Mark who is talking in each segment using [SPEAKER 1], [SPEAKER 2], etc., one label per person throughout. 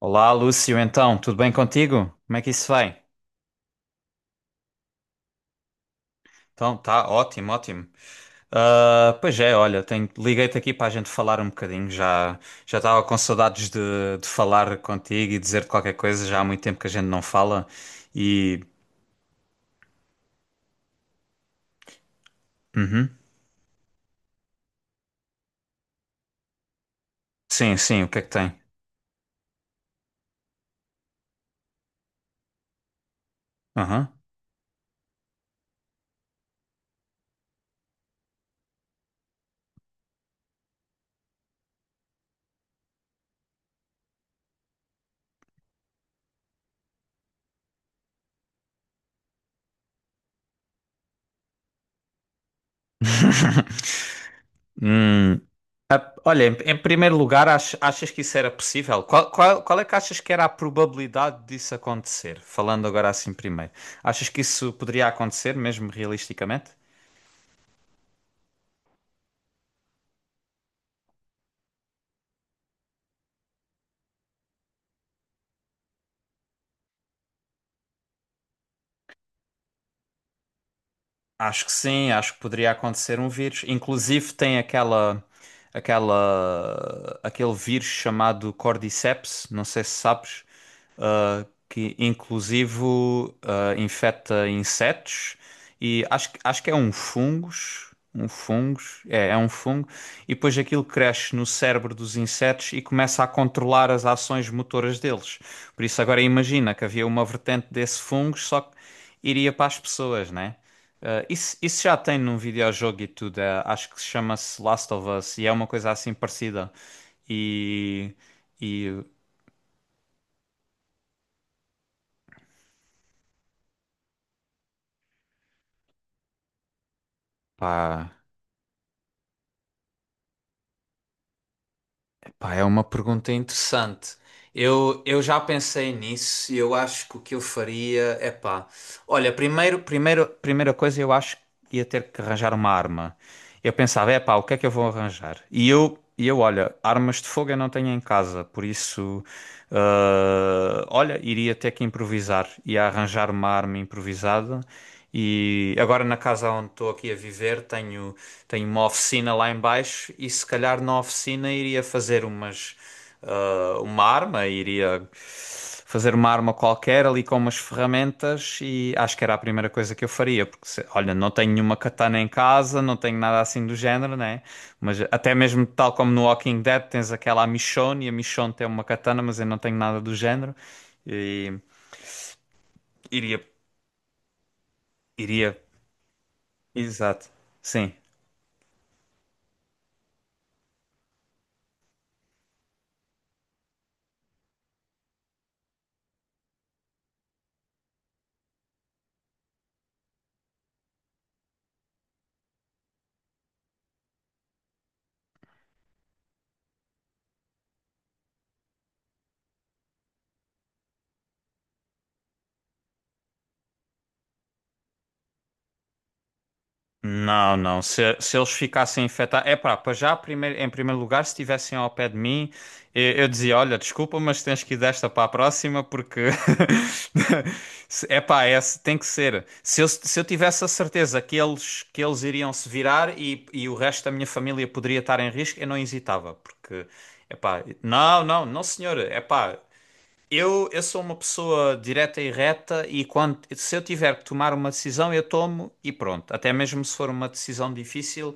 [SPEAKER 1] Olá, Lúcio, então, tudo bem contigo? Como é que isso vai? Então, tá ótimo, ótimo. Ah, pois é, olha, liguei-te aqui para a gente falar um bocadinho. Já estava com saudades de falar contigo e dizer-te qualquer coisa. Já há muito tempo que a gente não fala. E. Uhum. Sim, sim, o que é que tem? Aham. Hum. Olha, em primeiro lugar, achas que isso era possível? Qual é que achas que era a probabilidade disso acontecer? Falando agora assim primeiro. Achas que isso poderia acontecer, mesmo realisticamente? Acho que sim, acho que poderia acontecer um vírus. Inclusive tem aquele vírus chamado Cordyceps, não sei se sabes. Que inclusive infecta insetos e acho que é é um fungo, e depois aquilo cresce no cérebro dos insetos e começa a controlar as ações motoras deles. Por isso agora imagina que havia uma vertente desse fungos, só que iria para as pessoas, né? Ah, isso já tem num videojogo e tudo, é, acho que se chama-se Last of Us e é uma coisa assim parecida. E, e pá. Pá, é uma pergunta interessante. Eu já pensei nisso e eu acho que o que eu faria é pá. Olha, primeira coisa, eu acho que ia ter que arranjar uma arma. Eu pensava, é pá, o que é que eu vou arranjar? E eu olha, armas de fogo eu não tenho em casa, por isso, olha, iria ter que improvisar. Ia arranjar uma arma improvisada. E agora na casa onde estou aqui a viver tenho uma oficina lá em baixo e se calhar na oficina iria fazer uma arma, iria fazer uma arma qualquer ali com umas ferramentas e acho que era a primeira coisa que eu faria, porque se- olha, não tenho nenhuma katana em casa, não tenho nada assim do género, né? Mas até mesmo tal como no Walking Dead tens aquela a Michonne e a Michonne tem uma katana, mas eu não tenho nada do género e iria iria exato. Sim. Não, não. Se eles ficassem infectados. É pá, para já, primeiro, em primeiro lugar, se estivessem ao pé de mim, eu dizia: Olha, desculpa, mas tens que ir desta para a próxima, porque. Se- É pá, é, se- tem que ser. Se eu tivesse a certeza que eles iriam se virar e o resto da minha família poderia estar em risco, eu não hesitava, porque. É pá, não, não, não, senhor. É pá. Eu sou uma pessoa direta e reta e se eu tiver que tomar uma decisão, eu tomo e pronto. Até mesmo se for uma decisão difícil,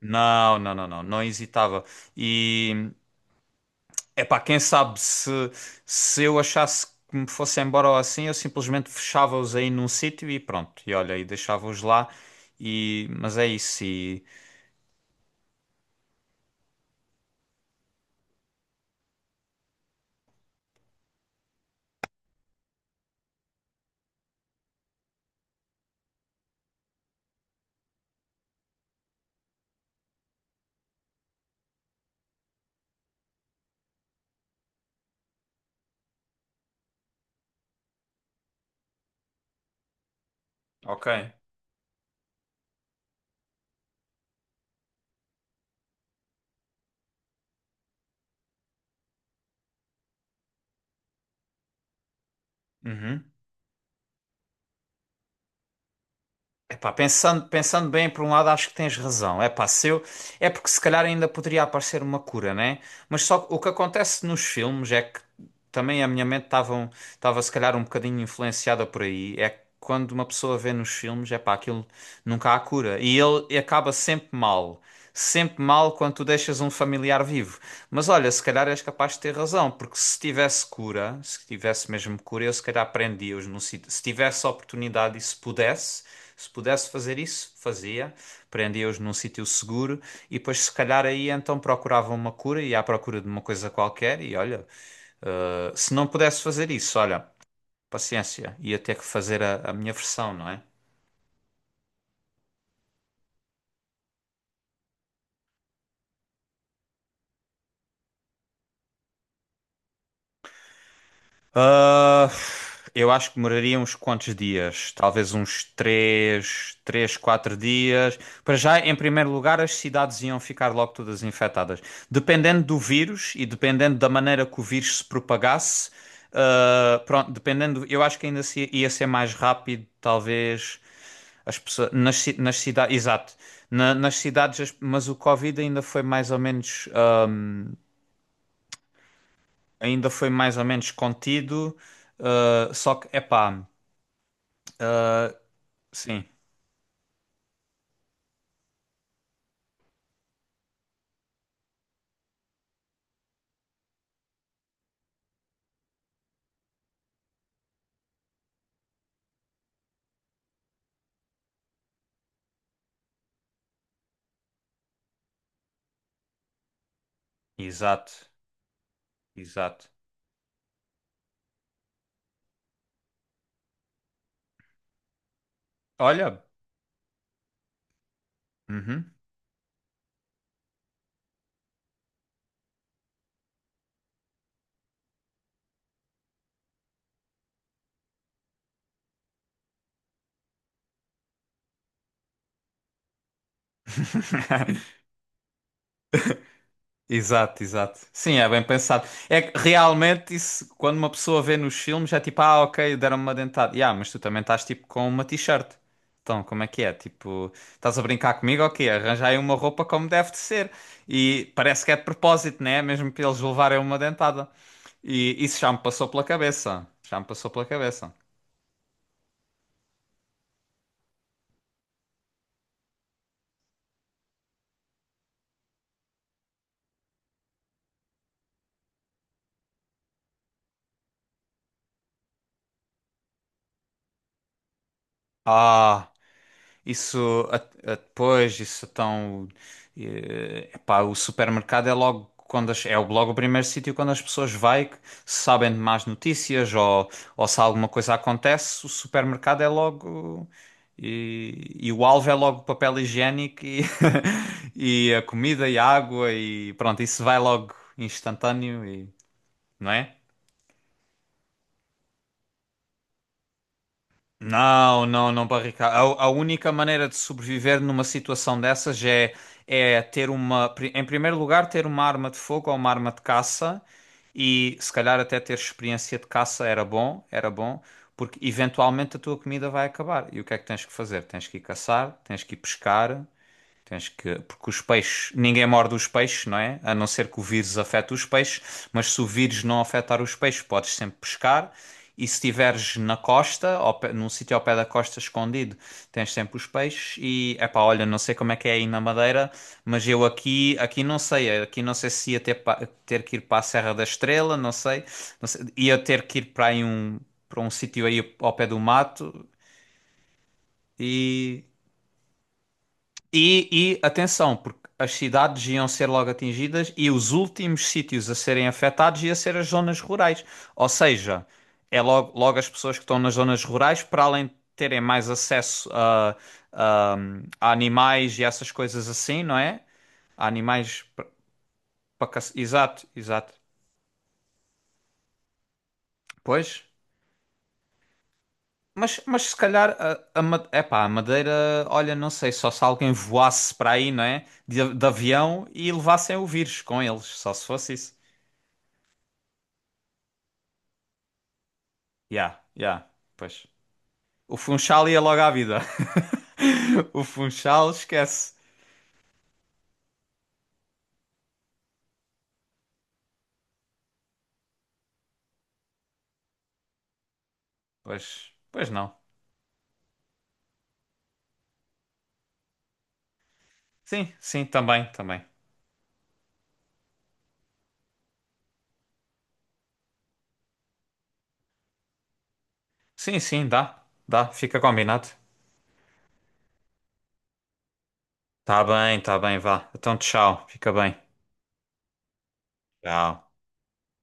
[SPEAKER 1] não, não, não, não, não hesitava. E é para quem sabe se eu achasse que me fosse embora ou assim, eu simplesmente fechava-os aí num sítio e pronto. E olha, e deixava-os lá. E, mas é isso. E... Ok. Uhum. Epá, pensando bem, por um lado, acho que tens razão. Epá, se eu, é porque se calhar ainda poderia aparecer uma cura, né? Mas só que o que acontece nos filmes é que também a minha mente estava se calhar um bocadinho influenciada por aí. É que quando uma pessoa vê nos filmes, epá, aquilo nunca há cura. E acaba sempre mal. Sempre mal quando tu deixas um familiar vivo. Mas olha, se calhar és capaz de ter razão, porque se tivesse mesmo cura, eu se calhar prendia-os num sítio. Se tivesse oportunidade e se pudesse. Se pudesse fazer isso, fazia, prendia-os num sítio seguro e depois, se calhar, aí então procuravam uma cura e à procura de uma coisa qualquer. E olha, se não pudesse fazer isso, olha, paciência, ia ter que fazer a minha versão, não é? Ah, eu acho que demoraria uns quantos dias? Talvez uns 4 dias. Para já, em primeiro lugar, as cidades iam ficar logo todas infectadas. Dependendo do vírus e dependendo da maneira que o vírus se propagasse, pronto, dependendo, eu acho que ainda se- ia ser mais rápido, talvez. As pessoas, nas cidades, exato. Nas cidades, mas o Covid ainda foi mais ou menos. Ainda foi mais ou menos contido, ah, só que, epá, ah, sim, exato, exato. Olha, uhum. Exato, exato. Sim, é bem pensado. É que realmente isso, quando uma pessoa vê nos filmes, é tipo, ah, ok, deram-me uma dentada. Yeah, mas tu também estás tipo com uma t-shirt. Então, como é que é? Tipo, estás a brincar comigo? Ok, arranja aí uma roupa como deve de ser. E parece que é de propósito, né? Mesmo para eles levarem uma dentada. E isso já me passou pela cabeça. Já me passou pela cabeça. Ah. Isso então, o supermercado é logo é logo o primeiro sítio quando as pessoas vai que sabem de más notícias ou se alguma coisa acontece, o supermercado é logo e o alvo é logo papel higiênico e a comida e a água e pronto, isso vai logo instantâneo e, não é? Não, não, não, barricada. A única maneira de sobreviver numa situação dessas é, é ter em primeiro lugar, ter uma arma de fogo ou uma arma de caça e se calhar até ter experiência de caça era bom, porque eventualmente a tua comida vai acabar. E o que é que tens que fazer? Tens que ir caçar, tens que ir pescar. Tens que. Porque os peixes. Ninguém morde os peixes, não é? A não ser que o vírus afete os peixes. Mas se o vírus não afetar os peixes, podes sempre pescar. E se estiveres na costa, num sítio ao pé da costa escondido, tens sempre os peixes. E, epá, olha, não sei como é que é aí na Madeira, mas eu aqui, aqui não sei. Aqui não sei se ia ter que ir para a Serra da Estrela, não sei. Não sei. Ia ter que ir para aí um, para um sítio aí ao pé do mato. E e atenção, porque as cidades iam ser logo atingidas e os últimos sítios a serem afetados ia ser as zonas rurais. Ou seja, é logo as pessoas que estão nas zonas rurais, para além de terem mais acesso a- a animais e essas coisas assim, não é? A animais para exato, exato. Pois. Mas se calhar epá, a Madeira, olha, não sei, só se alguém voasse para aí, não é? De avião e levassem o vírus com eles, só se fosse isso. Ya, ya, pois. O Funchal ia logo à vida. O Funchal esquece. Pois, pois não. Sim, sim, também, também. Sim, sim, dá, dá, fica combinado. Tá bem, vá. Então tchau, fica bem. Tchau.